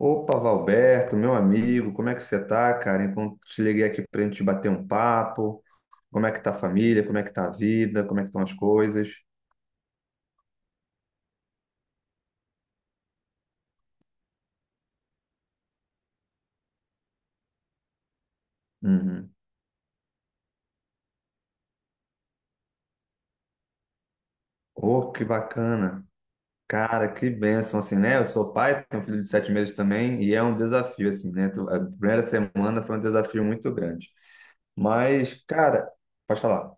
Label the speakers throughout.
Speaker 1: Opa, Valberto, meu amigo, como é que você tá, cara? Enquanto te liguei aqui pra gente bater um papo, como é que tá a família, como é que tá a vida, como é que estão as coisas? Uhum. Oh, que bacana. Cara, que bênção, assim, né? Eu sou pai, tenho um filho de 7 meses também, e é um desafio, assim, né? A primeira semana foi um desafio muito grande. Mas, cara, pode falar.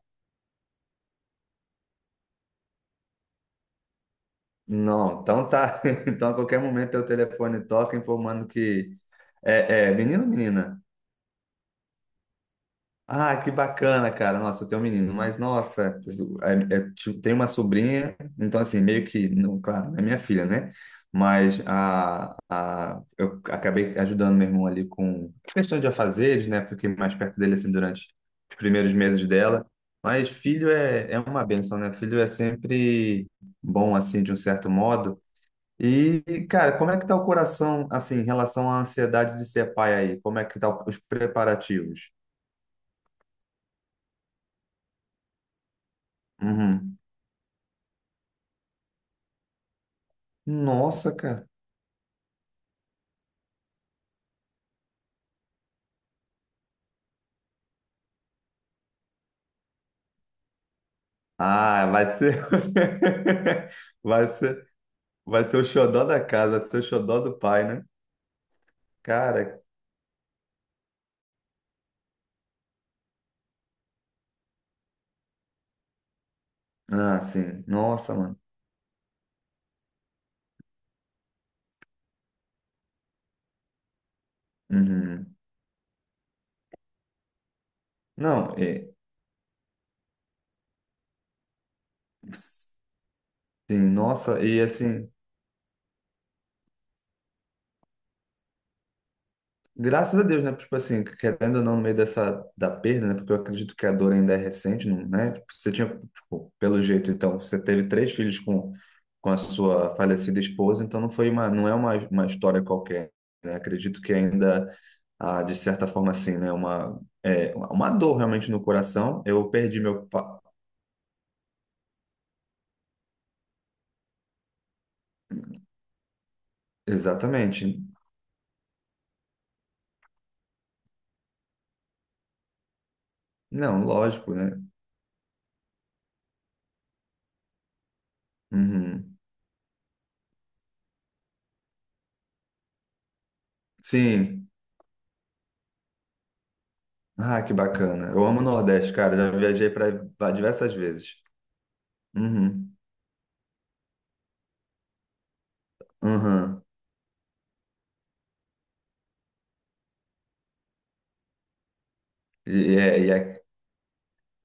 Speaker 1: Não, então tá. Então a qualquer momento o telefone toca informando que é menino ou menina? Ah, que bacana, cara. Nossa, eu tenho um menino, mas nossa, tipo, tem uma sobrinha, então assim, meio que, não, claro, não é minha filha, né? Mas eu acabei ajudando meu irmão ali com questão de afazeres, né? Fiquei mais perto dele assim durante os primeiros meses dela. Mas filho é uma bênção, né? Filho é sempre bom, assim, de um certo modo. E, cara, como é que tá o coração, assim, em relação à ansiedade de ser pai aí? Como é que tá os preparativos? Uhum. Nossa, cara. Ah, vai ser. Vai ser, vai ser o xodó da casa, vai ser o xodó do pai, né? Cara, ah, sim. Nossa, mano. Uhum. Não, e, sim, nossa, e assim. Graças a Deus, né? Tipo assim, querendo ou não, no meio dessa da perda, né? Porque eu acredito que a dor ainda é recente, não, né? Tipo, você tinha, tipo, pelo jeito, então, você teve três filhos com a sua falecida esposa, então não foi uma, não é uma história qualquer, né? Acredito que ainda, ah, de certa forma, assim, né? Uma, é, uma dor realmente no coração. Eu perdi meu pa... Exatamente. Não, lógico, né? Uhum. Sim. Ah, que bacana. Eu amo o Nordeste, cara. Já viajei para diversas vezes. Uhum. Uhum. E é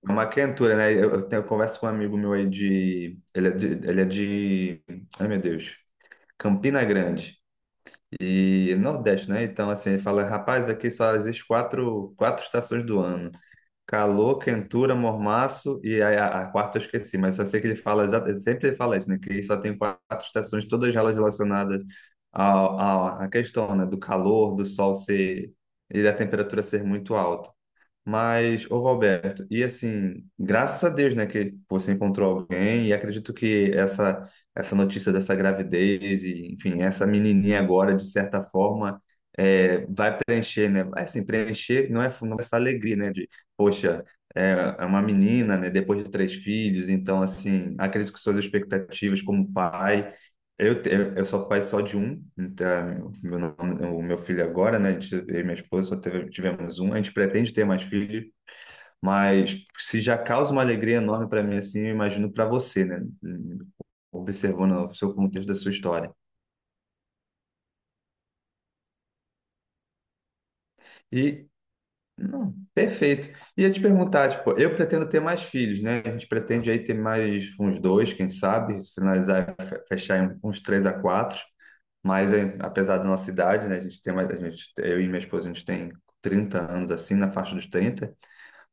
Speaker 1: uma quentura, né? Eu tenho, eu converso com um amigo meu aí de. Ele é de. Ai, meu Deus. Campina Grande. E Nordeste, né? Então, assim, ele fala: rapaz, aqui só existe quatro estações do ano: calor, quentura, mormaço e a quarta eu esqueci, mas só sei que ele fala, ele sempre fala isso, né? Que só tem quatro estações, todas elas relacionadas à questão, né? Do calor, do sol ser e da temperatura ser muito alta. Mas, ô Roberto, e assim, graças a Deus, né, que você encontrou alguém, e acredito que essa notícia dessa gravidez, e enfim, essa menininha agora, de certa forma, é, vai preencher, né? Assim, preencher não é, não é essa alegria, né, de, poxa, é, é uma menina, né, depois de três filhos, então, assim, acredito que suas expectativas como pai eu, te- eu sou pai só de um, então, o meu filho agora, né? Eu e minha esposa tivemos um. A gente pretende ter mais filhos, mas se já causa uma alegria enorme para mim, assim, eu imagino para você, né? Observando o seu contexto da sua história. E não, perfeito. Ia te perguntar, tipo, eu pretendo ter mais filhos, né? A gente pretende aí ter mais uns dois, quem sabe, se finalizar, fechar em uns três a quatro. Mas é, apesar da nossa idade, né? A gente tem mais, a gente, eu e minha esposa, a gente tem 30 anos, assim, na faixa dos 30.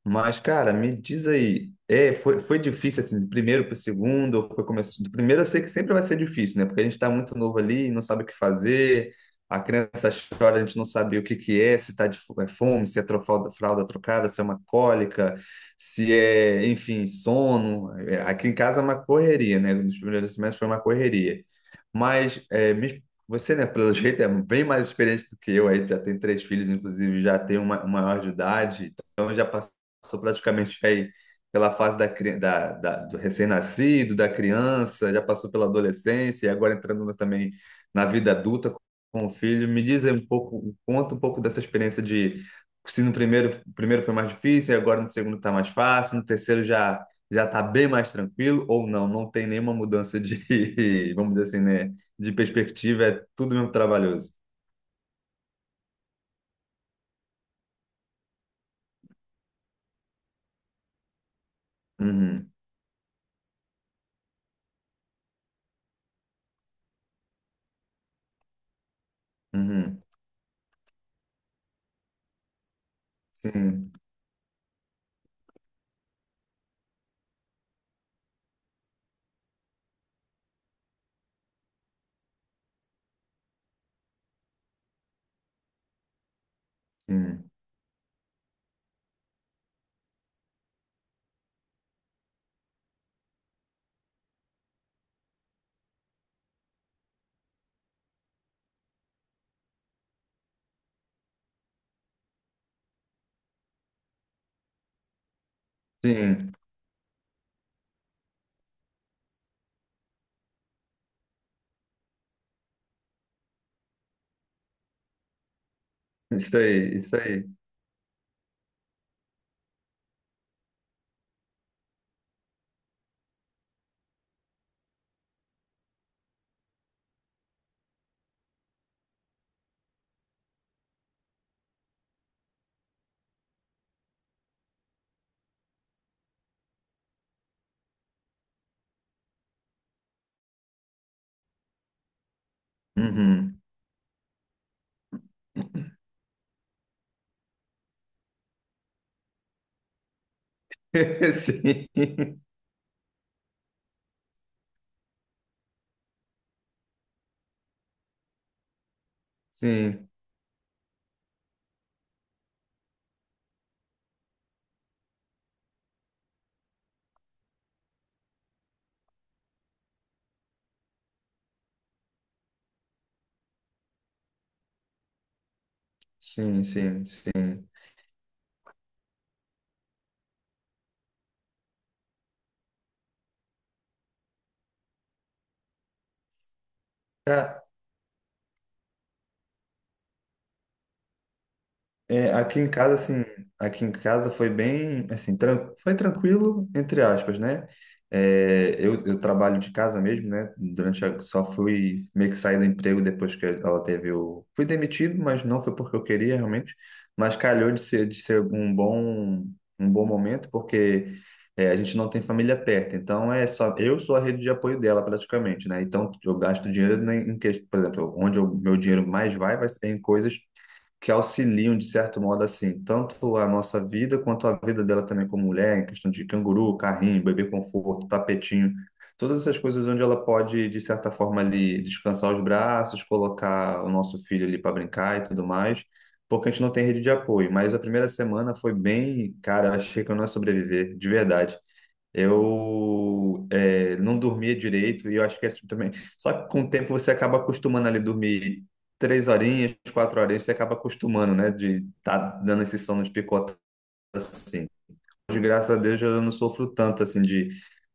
Speaker 1: Mas, cara, me diz aí, é, foi difícil assim, do primeiro para o segundo, ou foi começo, do primeiro eu sei que sempre vai ser difícil, né? Porque a gente está muito novo ali, não sabe o que fazer, a criança chora, a gente não sabe o que que é, se está é fome, se é fralda, fralda trocada, se é uma cólica, se é, enfim, sono. É, aqui em casa é uma correria, né? Nos primeiros semestres foi uma correria. Mas é, você, né, pelo jeito, é bem mais experiente do que eu, aí já tem três filhos, inclusive já tem uma maior de idade, então já passou praticamente aí pela fase da, cri- da- da- do recém-nascido, da criança, já passou pela adolescência e agora entrando no- também na vida adulta com o filho. Me diz aí um pouco, conta um pouco dessa experiência de se no primeiro foi mais difícil, e agora no segundo está mais fácil, no terceiro já está bem mais tranquilo, ou não, não tem nenhuma mudança de, vamos dizer assim, né, de perspectiva, é tudo mesmo trabalhoso. Uhum, uhum. Sim, sim, sim. Isso aí, isso aí. Uhum. Sim, sim, sim, sim, sim. É, é, aqui em casa, assim, aqui em casa foi bem, assim, tran foi tranquilo, entre aspas, né? É, eu trabalho de casa mesmo, né? Durante a, só fui meio que sair do emprego depois que ela teve o... Fui demitido, mas não foi porque eu queria realmente, mas calhou de ser um bom momento, porque é, a gente não tem família perto, então é só... Eu sou a rede de apoio dela praticamente, né? Então eu gasto dinheiro em, em que, por exemplo, onde o meu dinheiro mais vai, vai ser em coisas que auxiliam, de certo modo, assim, tanto a nossa vida quanto a vida dela também como mulher, em questão de canguru, carrinho, bebê conforto, tapetinho, todas essas coisas onde ela pode, de certa forma, ali descansar os braços, colocar o nosso filho ali para brincar e tudo mais, porque a gente não tem rede de apoio. Mas a primeira semana foi bem, cara, eu achei que eu não ia sobreviver, de verdade. Eu é, não dormia direito e eu acho que é tipo também. Só que com o tempo você acaba acostumando ali dormir 3 horinhas, 4 horinhas, você acaba acostumando, né? De estar tá dando esse sono de picota assim. Hoje, graças a Deus, eu não sofro tanto assim de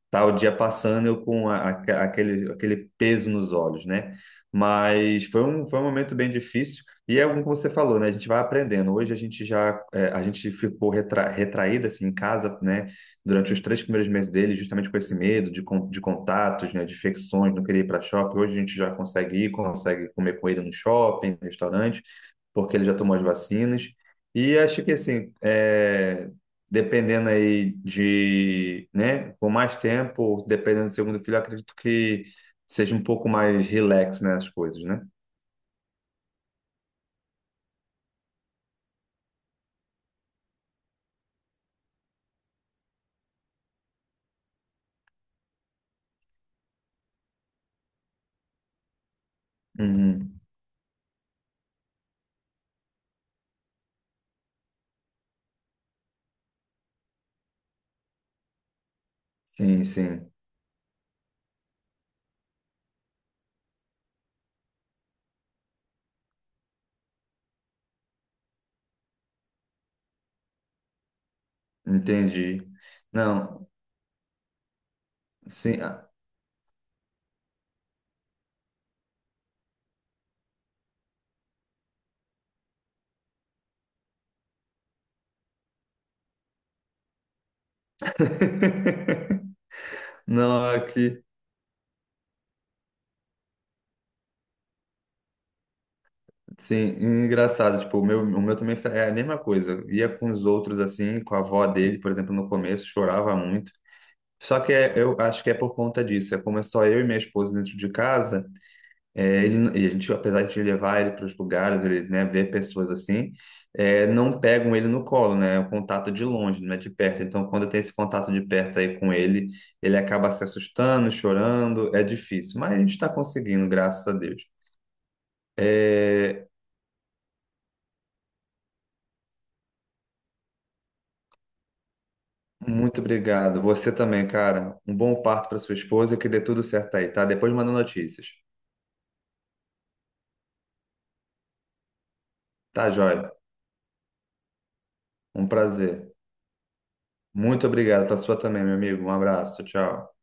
Speaker 1: tá o dia passando eu com aquele, aquele peso nos olhos, né? Mas foi um momento bem difícil e é como você falou, né? A gente vai aprendendo. Hoje a gente já, é, a gente ficou retraída assim em casa, né? Durante os 3 primeiros meses dele, justamente com esse medo de, de contatos, né? De infecções, não queria ir para shopping. Hoje a gente já consegue ir, consegue comer com ele no shopping, restaurante, porque ele já tomou as vacinas. E acho que assim, é, dependendo aí de, né, com mais tempo, dependendo do segundo filho, eu acredito que seja um pouco mais relax, né, as coisas, né? Uhum. Sim, sim, entendi. Não, sim. Ah. Não, aqui, sim, engraçado, tipo, o meu também é a mesma coisa. Ia com os outros assim, com a avó dele, por exemplo, no começo, chorava muito. Só que eu acho que é por conta disso, é como é só eu e minha esposa dentro de casa, é, ele, e a gente, apesar de levar ele para os lugares, ele, né, ver pessoas assim, é, não pegam ele no colo, né? É um contato de longe, não é de perto. Então, quando tem esse contato de perto aí com ele, ele acaba se assustando, chorando, é difícil. Mas a gente está conseguindo, graças a Deus. É, muito obrigado. Você também, cara. Um bom parto para sua esposa e que dê tudo certo aí, tá? Depois manda notícias. Tá, joia? Um prazer. Muito obrigado para sua também, meu amigo. Um abraço. Tchau.